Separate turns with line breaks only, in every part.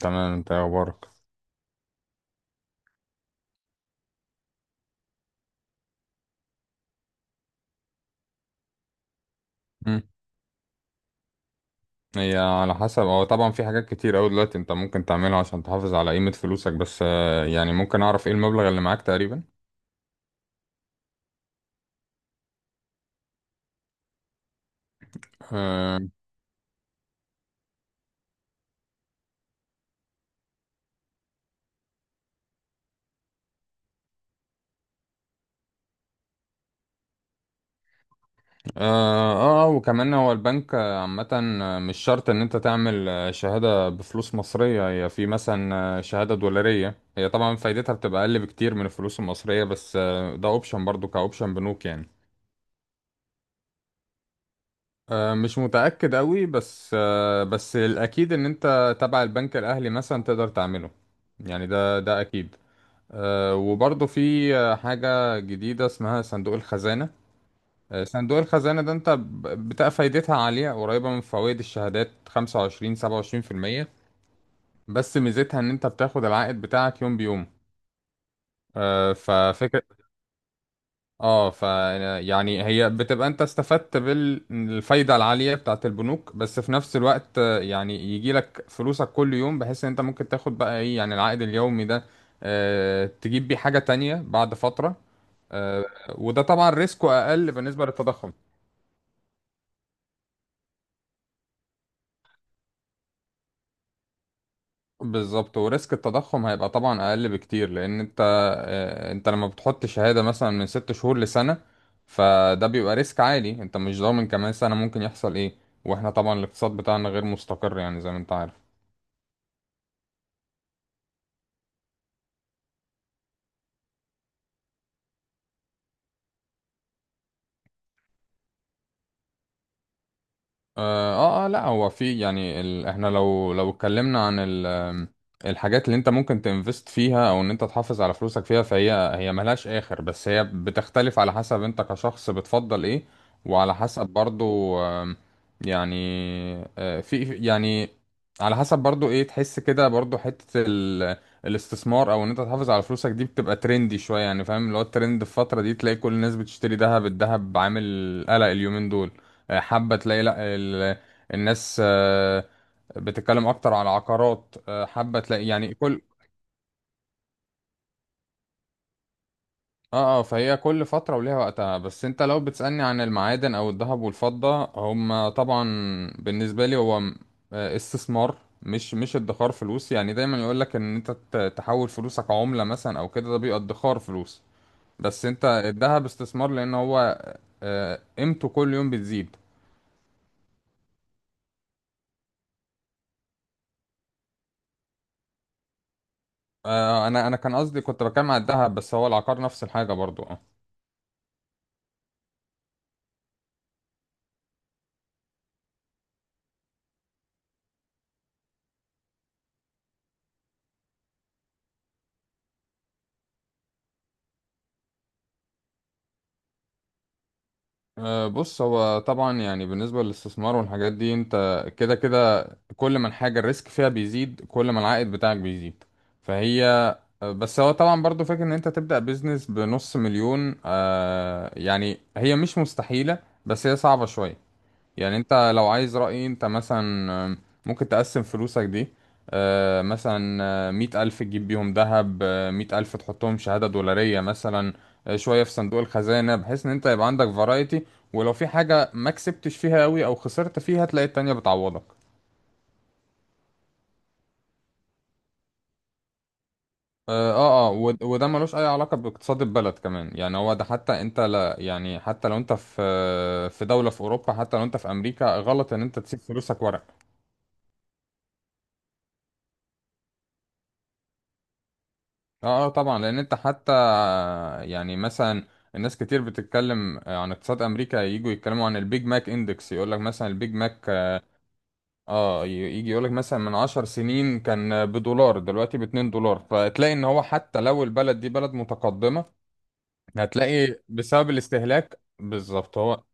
تمام، انت ايه اخبارك؟ مم. هي على حسب. هو طبعا في حاجات كتير اوي دلوقتي انت ممكن تعملها عشان تحافظ على قيمة فلوسك، بس يعني ممكن اعرف ايه المبلغ اللي معاك تقريبا؟ اه. وكمان هو البنك عامة مش شرط ان انت تعمل شهادة بفلوس مصرية، هي في مثلا شهادة دولارية، هي طبعا فايدتها بتبقى اقل بكتير من الفلوس المصرية، بس ده اوبشن برضو كاوبشن بنوك يعني. مش متأكد قوي، بس الأكيد إن أنت تبع البنك الأهلي مثلا تقدر تعمله، يعني ده أكيد. وبرضه في حاجة جديدة اسمها صندوق الخزانة. صندوق الخزانة ده أنت بتبقى فايدتها عالية قريبة من فوائد الشهادات، 25 27%، بس ميزتها إن أنت بتاخد العائد بتاعك يوم بيوم. آه، ففكرة اه ف يعني هي بتبقى انت استفدت بالفايدة العالية بتاعت البنوك، بس في نفس الوقت يعني يجي لك فلوسك كل يوم، بحيث ان انت ممكن تاخد بقى ايه يعني العائد اليومي ده، تجيب بيه حاجة تانية بعد فترة. آه، وده طبعا ريسكه اقل بالنسبة للتضخم. بالظبط، وريسك التضخم هيبقى طبعا اقل بكتير لان انت انت لما بتحط شهادة مثلا من 6 شهور لسنة، فده بيبقى ريسك عالي، انت مش ضامن كمان سنة ممكن يحصل ايه. واحنا طبعا الاقتصاد بتاعنا غير مستقر، يعني زي ما انت عارف. اه لا، هو في يعني احنا لو اتكلمنا عن ال... آم، الحاجات اللي انت ممكن تنفست فيها او ان انت تحافظ على فلوسك فيها، فهي ملهاش اخر، بس هي بتختلف على حسب انت كشخص بتفضل ايه، وعلى حسب برضو يعني آه، في في- يعني على حسب برضو ايه تحس كده، برضو حتة الاستثمار او ان انت تحافظ على فلوسك دي بتبقى ترندي شوية، يعني فاهم، اللي هو الترند في الفترة دي تلاقي كل الناس بتشتري دهب، الدهب عامل قلق اليومين دول، حابة تلاقي لا الناس بتتكلم اكتر على عقارات، حابة تلاقي يعني كل اه فهي كل فترة وليها وقتها. بس انت لو بتسألني عن المعادن او الذهب والفضة، هم طبعا بالنسبة لي هو استثمار، مش ادخار فلوس. يعني دايما يقولك ان انت تحول فلوسك عملة مثلا او كده، ده بيبقى ادخار فلوس، بس انت الذهب استثمار، لان هو قيمته كل يوم بتزيد. آه، انا انا كان قصدي كنت بتكلم على الذهب، بس هو العقار نفس الحاجه برضو، اه. بص، هو طبعا يعني بالنسبه للاستثمار والحاجات دي، انت كده كده كل ما الحاجه الريسك فيها بيزيد، كل ما العائد بتاعك بيزيد، فهي بس هو طبعا برضو فاكر ان انت تبدا بيزنس بنص مليون، يعني هي مش مستحيله، بس هي صعبه شويه. يعني انت لو عايز رأيي، انت مثلا آم، ممكن تقسم فلوسك دي، مثلا 100 ألف تجيب بيهم ذهب، 100 ألف تحطهم شهادة دولارية مثلا، شوية في صندوق الخزانة، بحيث ان انت يبقى عندك فرايتي. ولو في حاجة ما كسبتش فيها قوي او خسرت فيها، تلاقي التانية بتعوضك. وده ملوش اي علاقة باقتصاد البلد كمان، يعني هو ده. حتى انت لا، يعني حتى لو انت في في دولة في اوروبا، حتى لو انت في امريكا، غلط ان انت تسيب فلوسك ورق. طبعا، لان انت حتى يعني مثلا الناس كتير بتتكلم عن اقتصاد امريكا، يجوا يتكلموا عن البيج ماك اندكس، يقول لك مثلا البيج ماك اه ي- يجي يقول لك مثلا من 10 سنين كان بدولار، دلوقتي باتنين دولار، فتلاقي ان هو حتى لو البلد دي بلد متقدمة هتلاقي بسبب الاستهلاك، بالظبط هو.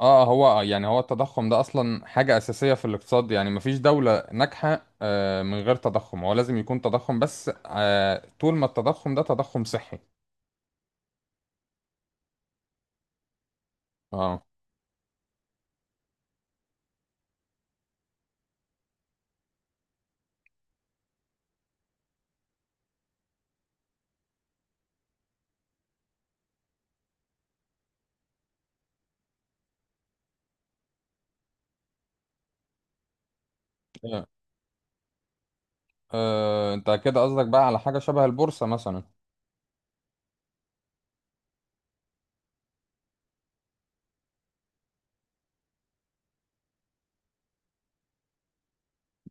اه، هو يعني هو التضخم ده اصلا حاجة اساسية في الاقتصاد، يعني مفيش دولة ناجحة من غير تضخم، هو لازم يكون تضخم، بس طول ما التضخم ده تضخم صحي. اه. إيه. انت كده قصدك بقى على حاجة شبه البورصة مثلا؟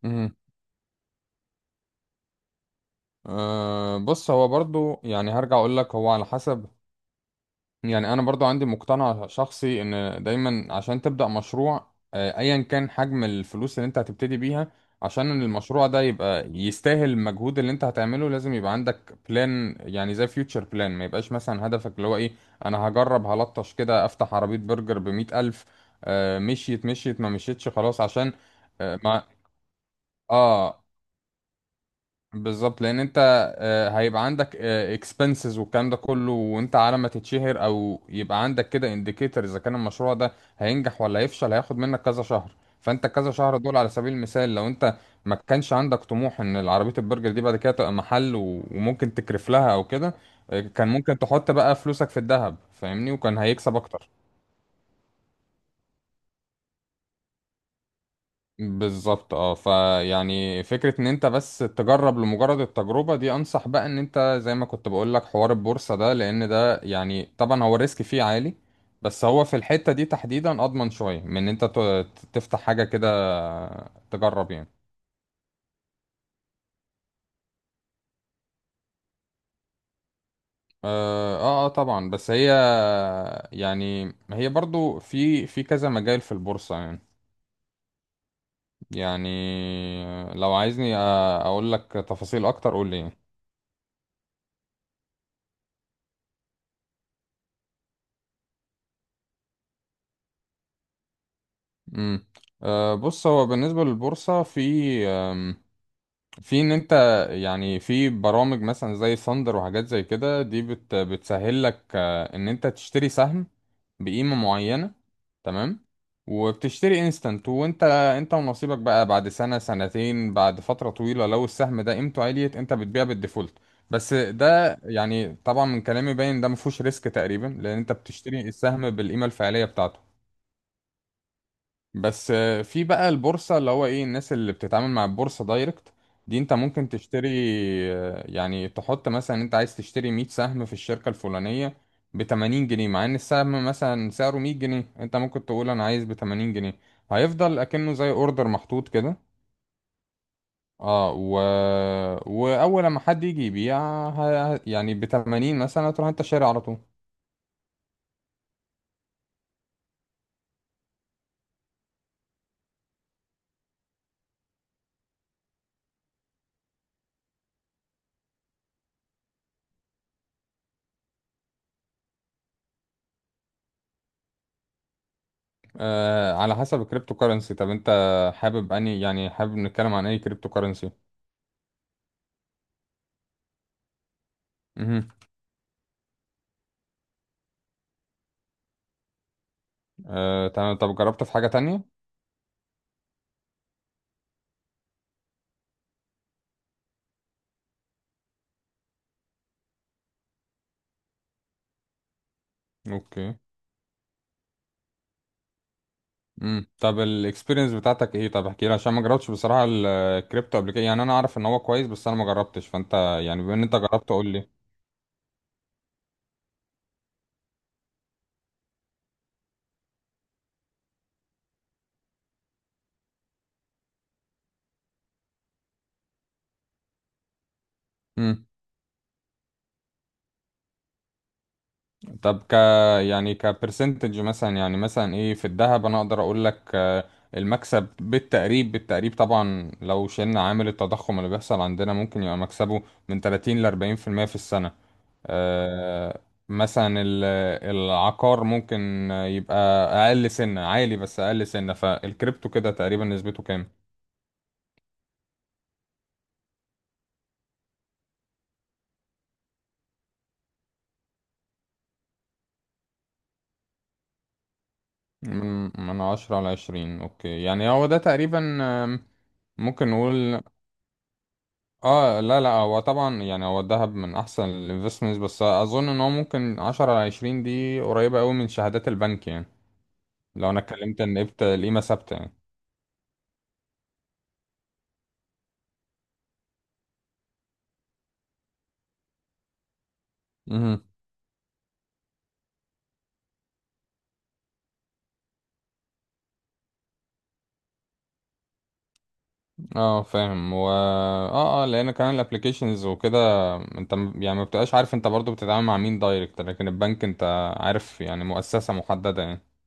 مهم. بص، هو برضو يعني هرجع اقول لك هو على حسب، يعني انا برضو عندي مقتنع شخصي ان دايما عشان تبدأ مشروع ايا كان حجم الفلوس اللي انت هتبتدي بيها، عشان المشروع ده يبقى يستاهل المجهود اللي انت هتعمله، لازم يبقى عندك بلان، يعني زي فيوتشر بلان، ما يبقاش مثلا هدفك اللي هو ايه، انا هجرب هلطش كده افتح عربية برجر ب100 ألف، مشيت مشيت ما مشيتش خلاص عشان. اه بالظبط، لان انت هيبقى عندك اكسبنسز والكلام ده كله، وانت على ما تتشهر او يبقى عندك كده انديكيتور اذا كان المشروع ده هينجح ولا هيفشل، هياخد منك كذا شهر، فانت كذا شهر دول على سبيل المثال لو انت ما كانش عندك طموح ان العربية البرجر دي بعد كده تبقى محل وممكن تكرف لها او كده، كان ممكن تحط بقى فلوسك في الذهب، فاهمني؟ وكان هيكسب اكتر. بالظبط. اه فيعني فكرة ان انت بس تجرب لمجرد التجربة، دي انصح بقى ان انت زي ما كنت بقول لك حوار البورصة ده، لان ده يعني طبعا هو الريسك فيه عالي، بس هو في الحتة دي تحديدا اضمن شوية من ان انت تفتح حاجة كده تجرب يعني. طبعا، بس هي يعني هي برضو في في كذا مجال في البورصة يعني. يعني لو عايزني اقول لك تفاصيل اكتر قول لي يعني. امم. أه بص، هو بالنسبة للبورصة في آم، في ان انت يعني في برامج مثلا زي ثاندر وحاجات زي كده، دي بتسهل لك ان انت تشتري سهم بقيمة معينة، تمام، وبتشتري انستنت، وانت ونصيبك بقى بعد سنة سنتين بعد فترة طويلة، لو السهم ده قيمته عالية انت بتبيع بالديفولت. بس ده يعني طبعا من كلامي باين ده مفهوش ريسك تقريبا، لان انت بتشتري السهم بالقيمة الفعلية بتاعته. بس في بقى البورصة اللي هو ايه الناس اللي بتتعامل مع البورصة دايركت، دي انت ممكن تشتري يعني تحط مثلا انت عايز تشتري 100 سهم في الشركة الفلانية ب 80 جنيه، مع ان السهم مثلا سعره 100 جنيه، انت ممكن تقول انا عايز ب 80 جنيه، هيفضل اكنه زي اوردر محطوط كده. اه و... واول ما حد يجي يبيع يعني ب 80 مثلا تروح انت شاري على طول. آه، على حسب الكريبتو كرنسي. طب انت حابب اني يعني حابب نتكلم عن اي كريبتو كرنسي؟ تمام. طب جربت في حاجة تانية؟ اوكي. امم، طب الاكسبيرينس بتاعتك ايه؟ طب احكي لي، عشان ما جربتش بصراحة الكريبتو قبل كده، يعني انا اعرف ان هو كويس بس انا ما جربتش، فانت يعني بما ان انت جربت قول لي. امم. طب يعني كبرسنتج مثلا، يعني مثلا ايه في الذهب انا اقدر اقول لك المكسب بالتقريب طبعا لو شلنا عامل التضخم اللي بيحصل عندنا ممكن يبقى مكسبه من 30 ل 40% في المية في السنة. آه، مثلا العقار ممكن يبقى اقل سنة عالي بس اقل سنة. فالكريبتو كده تقريبا نسبته كام؟ من عشرة على عشرين. اوكي، يعني هو ده تقريبا. ممكن نقول، اه لا لا هو طبعا يعني هو الذهب من احسن الانفستمنتس، بس اظن ان هو ممكن عشرة على عشرين دي قريبة قوي من شهادات البنك يعني، لو انا اتكلمت ان قيمة ثابتة يعني. اه فاهم. و اه اه لان كمان الابليكيشنز وكده انت يعني ما بتبقاش عارف انت برضو بتتعامل مع مين دايركت، لكن البنك انت عارف يعني مؤسسة محددة يعني.